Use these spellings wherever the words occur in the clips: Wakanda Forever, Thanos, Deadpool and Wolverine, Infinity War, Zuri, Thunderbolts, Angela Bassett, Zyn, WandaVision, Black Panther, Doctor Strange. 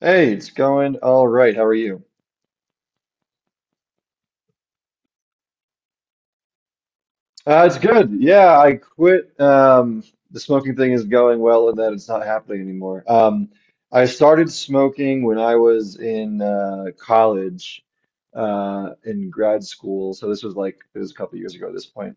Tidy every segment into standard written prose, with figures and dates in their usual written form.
Hey, it's going all right. How are you? It's good. Yeah, I quit. The smoking thing is going well and that it's not happening anymore. I started smoking when I was in college, in grad school. So this was like, it was a couple years ago at this point.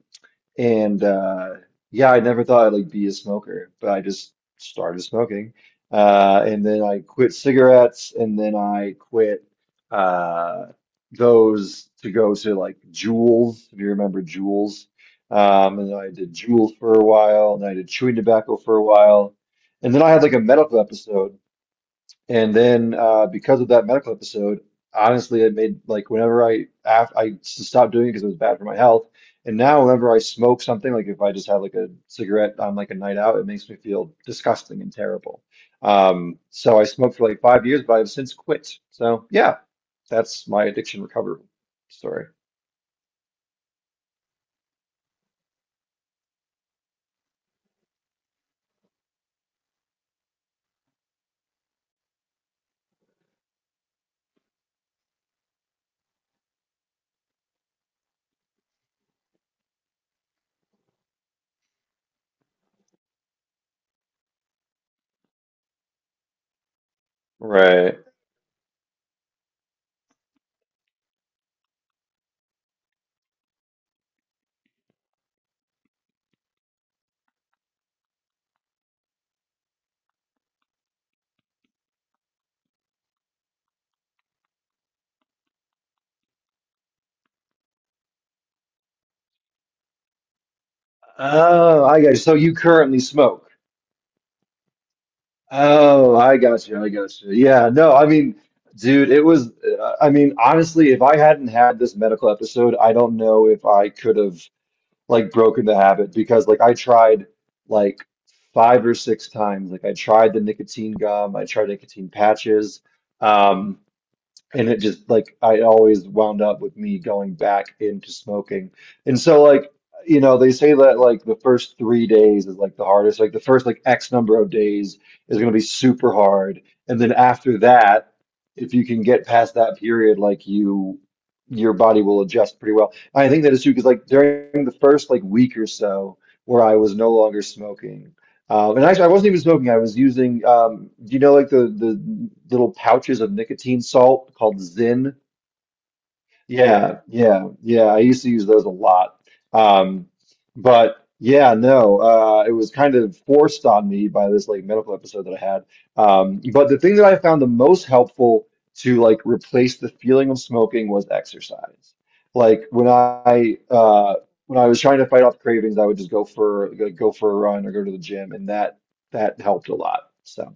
And Yeah, I never thought I'd like be a smoker, but I just started smoking. And then I quit cigarettes and then I quit uh those to go to like Juuls, if you remember Juuls. And then I did Juuls for a while and I did chewing tobacco for a while. And then I had like a medical episode, and then because of that medical episode, honestly, it made like whenever I stopped doing it because it was bad for my health. And now whenever I smoke something, like if I just have like a cigarette on like a night out, it makes me feel disgusting and terrible. So I smoked for like 5 years, but I've since quit. So yeah, that's my addiction recovery story. Right. Oh, I got you. So you currently smoke. Oh, I got you. Yeah, no, I mean, dude, it was, I mean, honestly, if I hadn't had this medical episode, I don't know if I could have like broken the habit because like I tried like five or six times. Like I tried the nicotine gum, I tried nicotine patches. Um, and it just like I always wound up with me going back into smoking. And so like, you know, they say that like the first 3 days is like the hardest. Like the first like X number of days is gonna be super hard. And then after that, if you can get past that period, your body will adjust pretty well. I think that is true because like during the first like week or so where I was no longer smoking. And actually, I wasn't even smoking. I was using, do you know, like the little pouches of nicotine salt called Zyn? Yeah, yeah, yeah. I used to use those a lot. Um, but yeah, no, it was kind of forced on me by this like medical episode that I had. But the thing that I found the most helpful to like replace the feeling of smoking was exercise. Like when I uh, when I was trying to fight off cravings, I would just go for a run or go to the gym, and that helped a lot. So.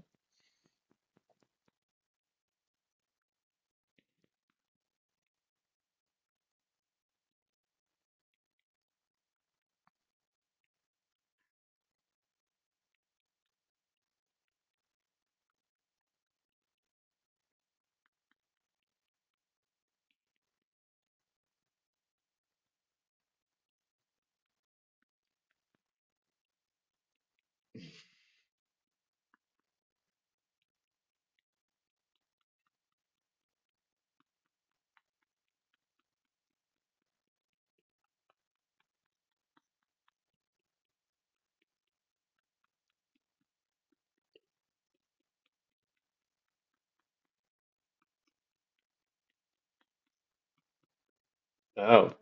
Oh.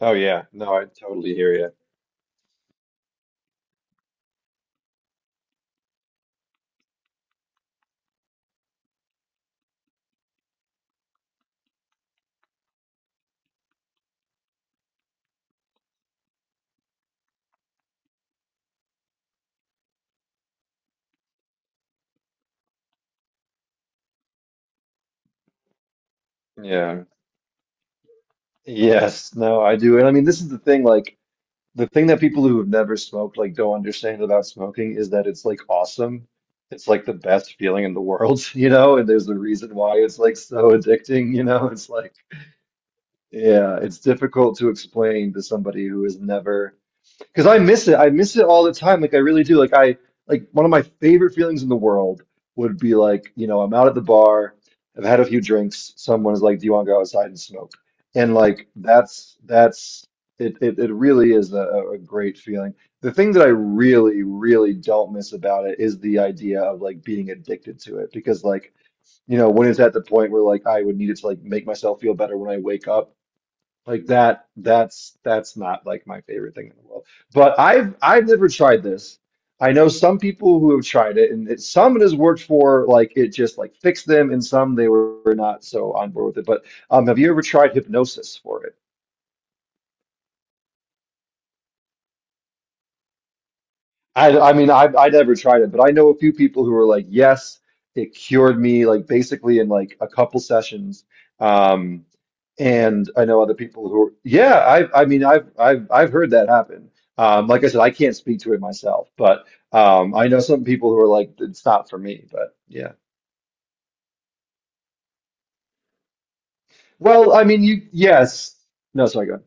Oh yeah, no, I totally hear you. Yeah. Yes, no, I do. And I mean, this is the thing, like the thing that people who have never smoked like don't understand about smoking is that it's like awesome. It's like the best feeling in the world, you know, and there's a reason why it's like so addicting, you know. It's like, yeah, it's difficult to explain to somebody who has never. Because I miss it. I miss it all the time. Like I really do. Like I like one of my favorite feelings in the world would be like, you know, I'm out at the bar, I've had a few drinks, someone is like, do you want to go outside and smoke? And like that's it really is a great feeling. The thing that I really, really don't miss about it is the idea of like being addicted to it. Because like, you know, when it's at the point where like I would need it to like make myself feel better when I wake up like that, that's not like my favorite thing in the world. But I've never tried this. I know some people who have tried it, and it, some it has worked for like it just like fixed them, and some they were not so on board with it. But Have you ever tried hypnosis for it? I mean, I never tried it, but I know a few people who are like, yes, it cured me, like basically in like a couple sessions. Um, and I know other people who are, yeah, I mean, I've heard that happen. Like I said, I can't speak to it myself, but I know some people who are like, it's not for me, but yeah. Well, I mean, you, yes. No, sorry, go ahead.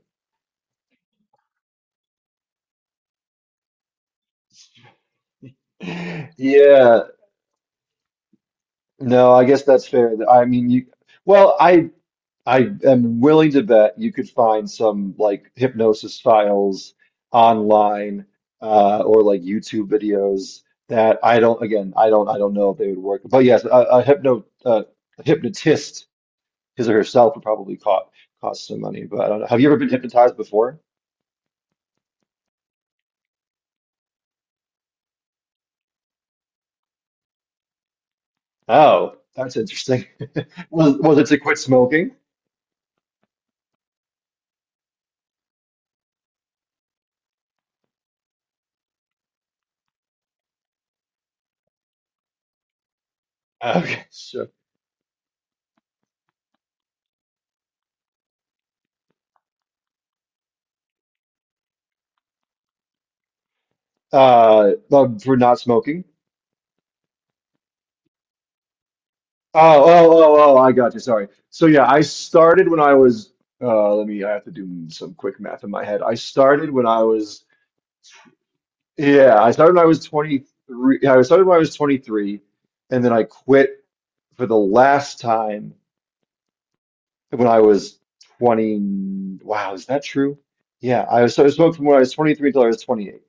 Yeah, no, I guess that's fair. I mean, you, well, I am willing to bet you could find some like hypnosis files online, or like YouTube videos that I don't, again, I don't know if they would work. But yes, a hypnotist, his or herself would probably cost some money. But I don't know. Have you ever been hypnotized before? Oh, that's interesting. Was it to quit smoking? Okay, sure. For not smoking. Oh, I got you. Sorry. So yeah, I started when I was let me, I have to do some quick math in my head. I started when I was Yeah, I started when I was 23. And then I quit for the last time when I was 20. Wow, is that true? Yeah, I was, so I smoked from when I was 23 till I was 28.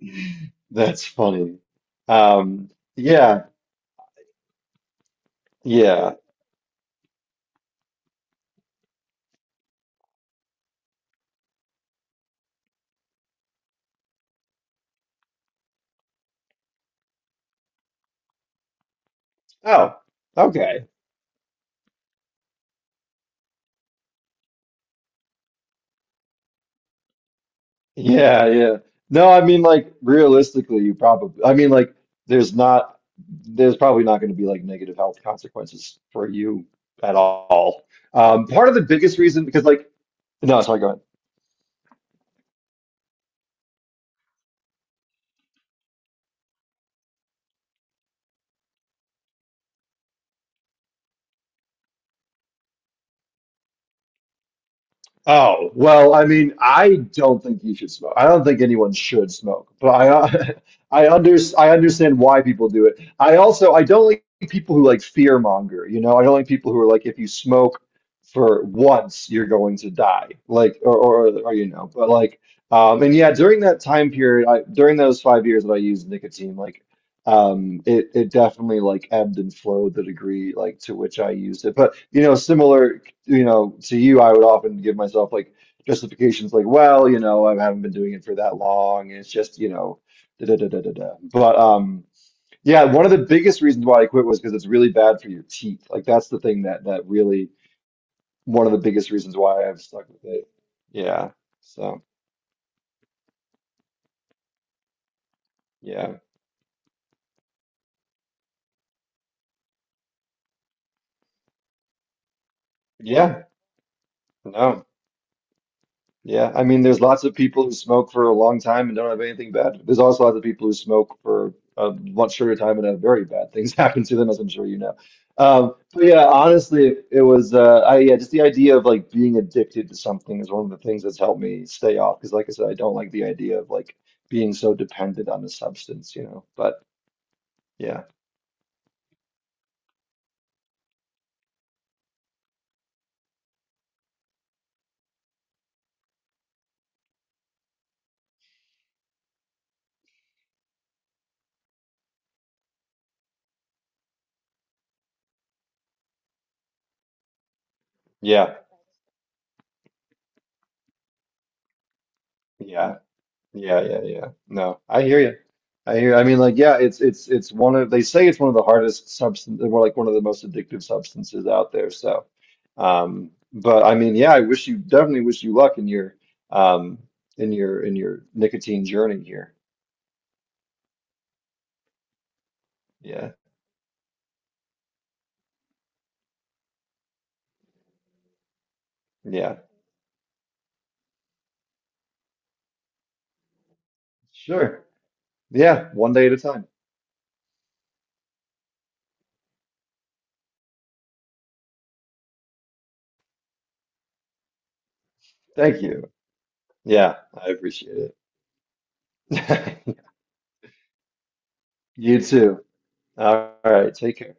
That's funny. Um yeah, yeah. Oh, okay. Yeah, yeah. No, I mean like realistically, you probably I mean like there's not there's probably not going to be like negative health consequences for you at all. Part of the biggest reason because like, no, sorry, go ahead. Oh, well, I mean, I don't think you should smoke. I don't think anyone should smoke, but I I understand why people do it. I also I don't like people who like fear monger, you know? I don't like people who are like if you smoke for once you're going to die. Like or you know, but like and yeah, during that time period, I during those 5 years that I used nicotine, like it it definitely like ebbed and flowed the degree like to which I used it. But you know, similar you know, to you, I would often give myself like justifications like, well, you know, I haven't been doing it for that long, and it's just, you know, da da da da da da. But Yeah, one of the biggest reasons why I quit was because it's really bad for your teeth. Like that's the thing that really one of the biggest reasons why I've stuck with it. Yeah. So yeah, yeah, no. Yeah, I mean, there's lots of people who smoke for a long time and don't have anything bad. There's also lots of people who smoke for a much shorter time and have very bad things happen to them, as I'm sure you know. But yeah, honestly, it was I yeah, just the idea of like being addicted to something is one of the things that's helped me stay off. Because like I said, I don't like the idea of like being so dependent on a substance, you know. But yeah, yeah, yeah. Yeah, yeah, yeah. No, I hear you. I hear. I mean, like, yeah, it's it's one of they say it's one of the hardest substance, or like one of the most addictive substances out there. So, but I mean, yeah, I wish you definitely wish you luck um in your nicotine journey here. Yeah, yeah, sure. Yeah, one day at a time. Thank you. Yeah, I appreciate it. You too. All right, take care.